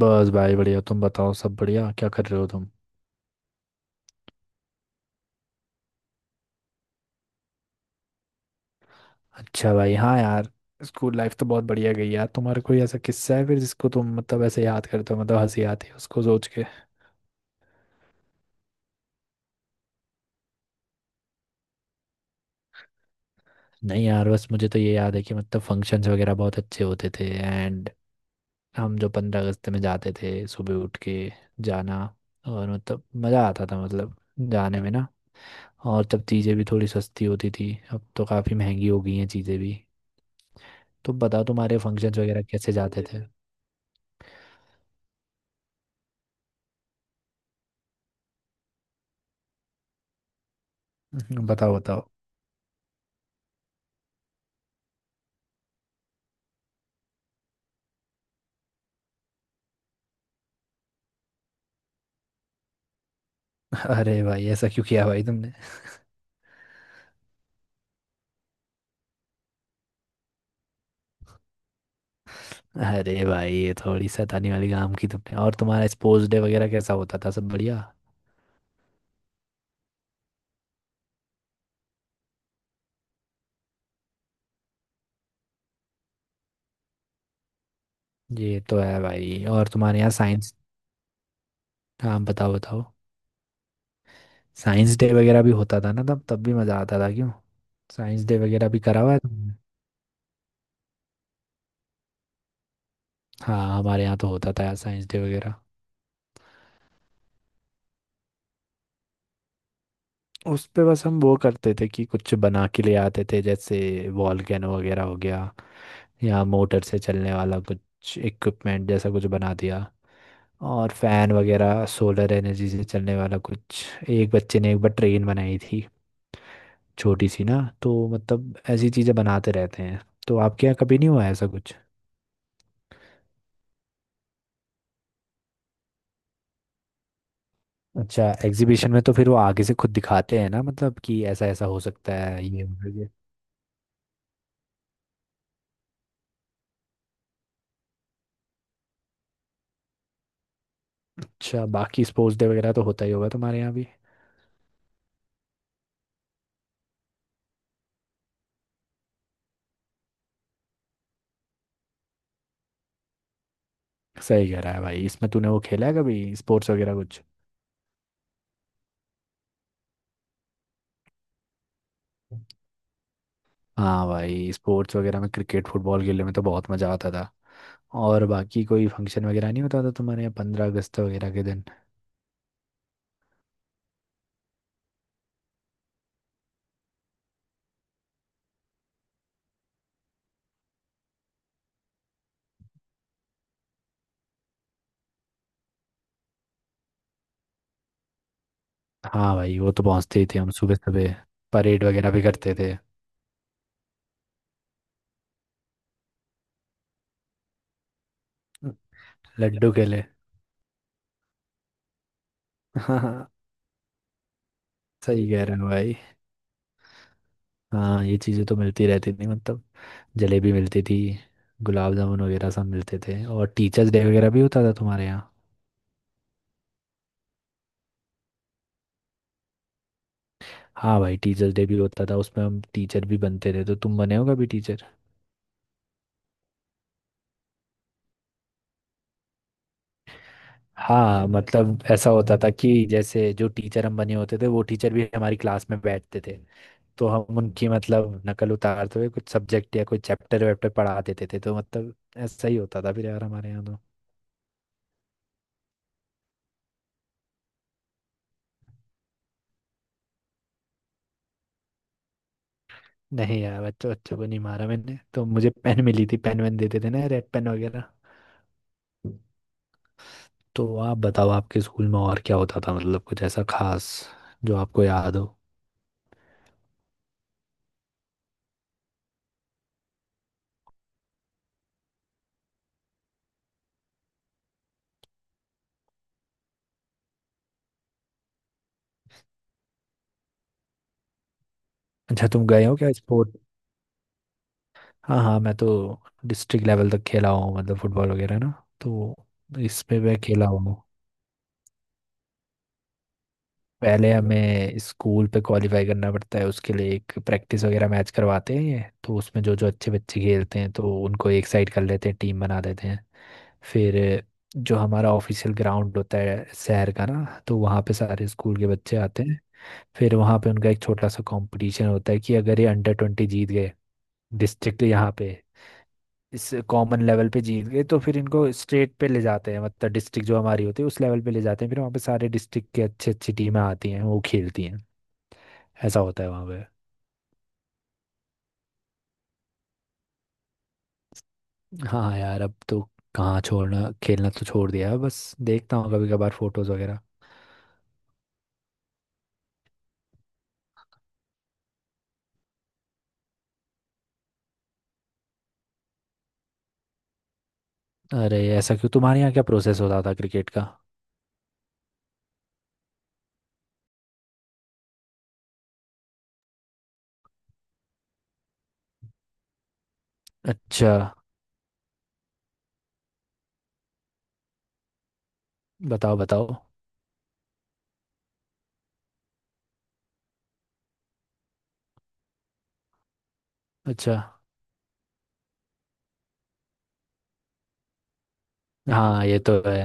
बस भाई बढ़िया। तुम बताओ, सब बढ़िया? क्या कर रहे हो तुम? अच्छा भाई, हाँ यार। स्कूल लाइफ तो बहुत बढ़िया गई यार। तुम्हारा कोई ऐसा किस्सा है फिर जिसको तुम मतलब ऐसे याद करते हो, मतलब हंसी आती है उसको सोच के? नहीं यार, बस मुझे तो ये याद है कि मतलब फंक्शंस वगैरह बहुत अच्छे होते थे। एंड हम जो 15 अगस्त में जाते थे सुबह उठ के जाना, और मतलब मज़ा आता था मतलब जाने में ना। और तब चीज़ें भी थोड़ी सस्ती होती थी, अब तो काफ़ी महंगी हो गई हैं चीज़ें भी। तो बताओ तुम्हारे फंक्शंस वगैरह कैसे जाते थे? बताओ बताओ। अरे भाई ऐसा क्यों किया भाई तुमने? अरे भाई ये थोड़ी शैतानी वाली काम की तुमने, और तुम्हारा स्पोर्ट्स डे वगैरह कैसा होता था, सब बढ़िया? ये तो है भाई। और तुम्हारे यहाँ साइंस... हाँ बताओ बताओ। साइंस डे वगैरह भी होता था ना, तब तब भी मज़ा आता था, क्यों? साइंस डे वगैरह भी करा हुआ है तुमने? हाँ हमारे यहाँ तो होता था यार साइंस डे वगैरह। उस पे बस हम वो करते थे कि कुछ बना के ले आते थे, जैसे वॉल्केनो वगैरह हो गया, या मोटर से चलने वाला कुछ इक्विपमेंट जैसा कुछ बना दिया, और फैन वगैरह सोलर एनर्जी से चलने वाला कुछ। एक बच्चे ने एक बार ट्रेन बनाई थी छोटी सी ना, तो मतलब ऐसी चीज़ें बनाते रहते हैं। तो आपके यहाँ कभी नहीं हुआ ऐसा कुछ? अच्छा, एग्जीबिशन में तो फिर वो आगे से खुद दिखाते हैं ना, मतलब कि ऐसा ऐसा हो सकता है ये हो सकता है। अच्छा, बाकी स्पोर्ट्स डे वगैरह तो होता ही होगा तुम्हारे यहाँ भी। सही कह रहा है भाई, इसमें तूने वो खेला है कभी स्पोर्ट्स वगैरह कुछ? हाँ भाई स्पोर्ट्स वगैरह में क्रिकेट फुटबॉल खेलने में तो बहुत मज़ा आता था। और बाकी कोई फंक्शन वगैरह नहीं होता था तुम्हारे यहाँ 15 अगस्त वगैरह के दिन? हाँ भाई वो तो पहुँचते ही थे हम सुबह सुबह, परेड वगैरह भी करते थे। लड्डू खेले? हाँ। सही कह रहे हो भाई। हाँ ये चीज़ें तो मिलती रहती थी मतलब, जलेबी मिलती थी, गुलाब जामुन वगैरह सब मिलते थे। और टीचर्स डे वगैरह भी होता था तुम्हारे यहाँ? हाँ भाई टीचर्स डे भी होता था, उसमें हम टीचर भी बनते थे, तो तुम बने हो कभी टीचर? हाँ मतलब ऐसा होता था कि जैसे जो टीचर हम बने होते थे वो टीचर भी हमारी क्लास में बैठते थे, तो हम उनकी मतलब नकल उतारते हुए कुछ सब्जेक्ट या कोई चैप्टर वैप्टर पढ़ा देते थे, तो मतलब ऐसा ही होता था फिर यार हमारे यहाँ तो। नहीं यार, बच्चों बच्चों को नहीं मारा मैंने, तो मुझे पेन मिली थी, पेन वेन देते थे ना, रेड पेन वगैरह। तो आप बताओ आपके स्कूल में और क्या होता था, मतलब कुछ ऐसा खास जो आपको याद हो? अच्छा, तुम गए हो क्या स्पोर्ट? हाँ हाँ मैं तो डिस्ट्रिक्ट लेवल तक खेला हूँ, मतलब फुटबॉल वगैरह ना। तो इसमें मैं खेला हूँ। पहले हमें स्कूल पे क्वालिफाई करना पड़ता है, उसके लिए एक प्रैक्टिस वगैरह मैच करवाते हैं, ये तो उसमें जो जो अच्छे बच्चे खेलते हैं तो उनको एक साइड कर लेते हैं, टीम बना देते हैं। फिर जो हमारा ऑफिशियल ग्राउंड होता है शहर का ना, तो वहाँ पे सारे स्कूल के बच्चे आते हैं। फिर वहाँ पे उनका एक छोटा सा कंपटीशन होता है कि अगर ये अंडर 20 जीत गए, डिस्ट्रिक्ट यहाँ पे, इस कॉमन लेवल पे जीत गए, तो फिर इनको स्टेट पे ले जाते हैं, मतलब डिस्ट्रिक्ट जो हमारी होती है उस लेवल पे ले जाते हैं, फिर वहाँ पे सारे डिस्ट्रिक्ट के अच्छी अच्छी टीमें आती हैं वो खेलती हैं। ऐसा होता है वहाँ पे। हाँ यार अब तो कहाँ, छोड़ना खेलना तो छोड़ दिया है, बस देखता हूँ कभी कभार फोटोज वगैरह। अरे ऐसा क्यों? तुम्हारे यहाँ क्या प्रोसेस होता था क्रिकेट का? अच्छा, बताओ बताओ। अच्छा। हाँ ये तो है।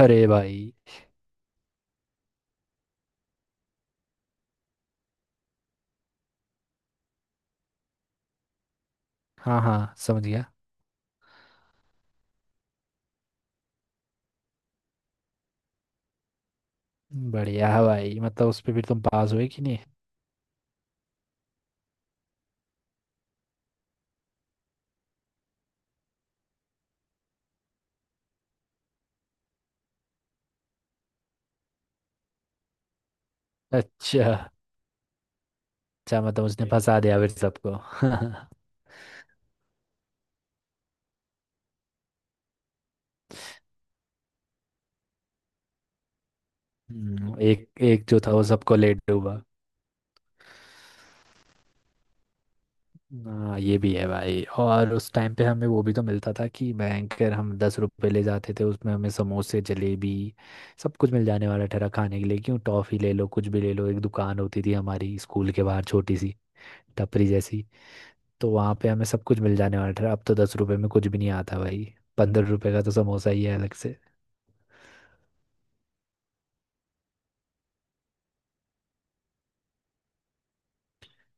अरे भाई। हाँ हाँ समझ गया। बढ़िया है भाई, मतलब उस पे फिर तुम पास हुए कि नहीं? अच्छा। अच्छा, मतलब उसने एक फंसा दिया फिर सबको। एक एक जो था वो सबको ले डूबा। हाँ ये भी है भाई। और उस टाइम पे हमें वो भी तो मिलता था कि बैंकर हम 10 रुपए ले जाते थे, उसमें हमें समोसे जलेबी सब कुछ मिल जाने वाला ठहरा खाने के लिए, क्यों, टॉफी ले लो कुछ भी ले लो। एक दुकान होती थी हमारी स्कूल के बाहर छोटी सी टपरी जैसी, तो वहाँ पे हमें सब कुछ मिल जाने वाला ठहरा। अब तो 10 रुपए में कुछ भी नहीं आता भाई, 15 रुपए का तो समोसा ही है अलग से।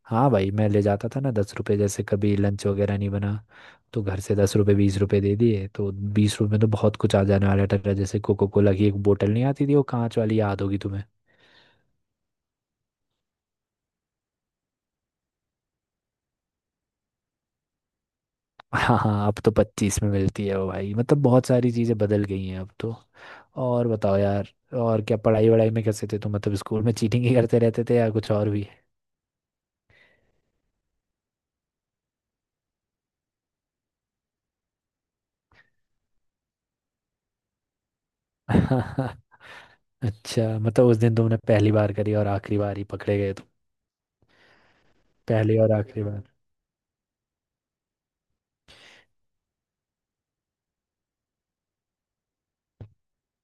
हाँ भाई मैं ले जाता था ना 10 रुपये, जैसे कभी लंच वगैरह नहीं बना तो घर से 10 रुपये 20 रुपये दे दिए, तो 20 रुपये में तो बहुत कुछ आ जाने वाला था, जैसे कोको कोला की एक बोतल नहीं आती थी वो कांच वाली, याद होगी तुम्हें? हाँ हाँ अब तो 25 में मिलती है वो भाई, मतलब बहुत सारी चीज़ें बदल गई हैं अब तो। और बताओ यार, और क्या, पढ़ाई वढ़ाई में कैसे थे तुम, मतलब स्कूल में चीटिंग ही करते रहते थे या कुछ और भी? अच्छा, मतलब उस दिन तुमने पहली बार करी और आखिरी बार ही पकड़े गए तुम। पहली और आखिरी बार।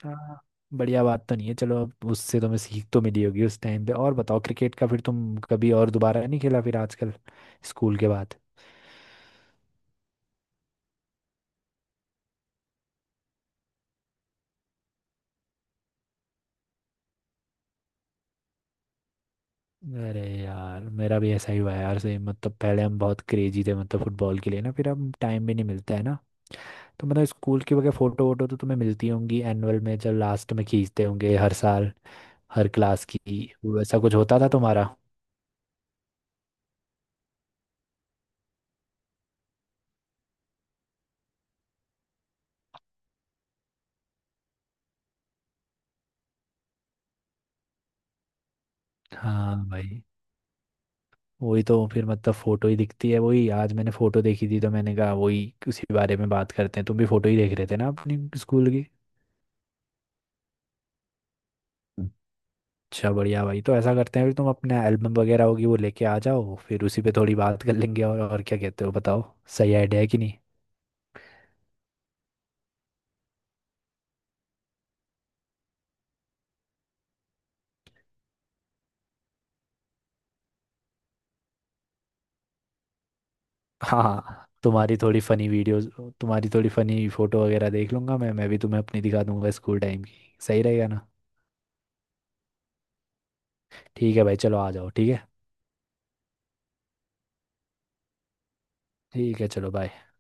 हाँ बढ़िया बात तो नहीं है, चलो अब उससे तुम्हें सीख तो मिली होगी उस टाइम पे। और बताओ, क्रिकेट का फिर तुम कभी और दोबारा नहीं खेला फिर आजकल स्कूल के बाद? अरे यार मेरा भी ऐसा ही हुआ है यार सेम, मतलब पहले हम बहुत क्रेजी थे मतलब फुटबॉल के लिए ना, फिर अब टाइम भी नहीं मिलता है ना। तो मतलब स्कूल की वगैरह फोटो वोटो तो तुम्हें मिलती होंगी एनुअल में, जब लास्ट में खींचते होंगे हर साल हर क्लास की, वैसा कुछ होता था तुम्हारा? हाँ भाई, वही तो फिर मतलब फोटो ही दिखती है, वही आज मैंने फोटो देखी थी तो मैंने कहा वही उसी बारे में बात करते हैं, तुम भी फोटो ही देख रहे थे ना अपनी स्कूल की? अच्छा बढ़िया भाई, तो ऐसा करते हैं फिर, तुम अपने एल्बम वगैरह होगी वो लेके आ जाओ, फिर उसी पे थोड़ी बात कर लेंगे, और क्या कहते हो बताओ, सही आइडिया है कि नहीं? हाँ तुम्हारी थोड़ी फनी वीडियोस, तुम्हारी थोड़ी फनी फोटो वगैरह देख लूंगा मैं भी तुम्हें अपनी दिखा दूंगा स्कूल टाइम की, सही रहेगा ना? ठीक है भाई चलो आ जाओ, ठीक है। ठीक है चलो, बाय।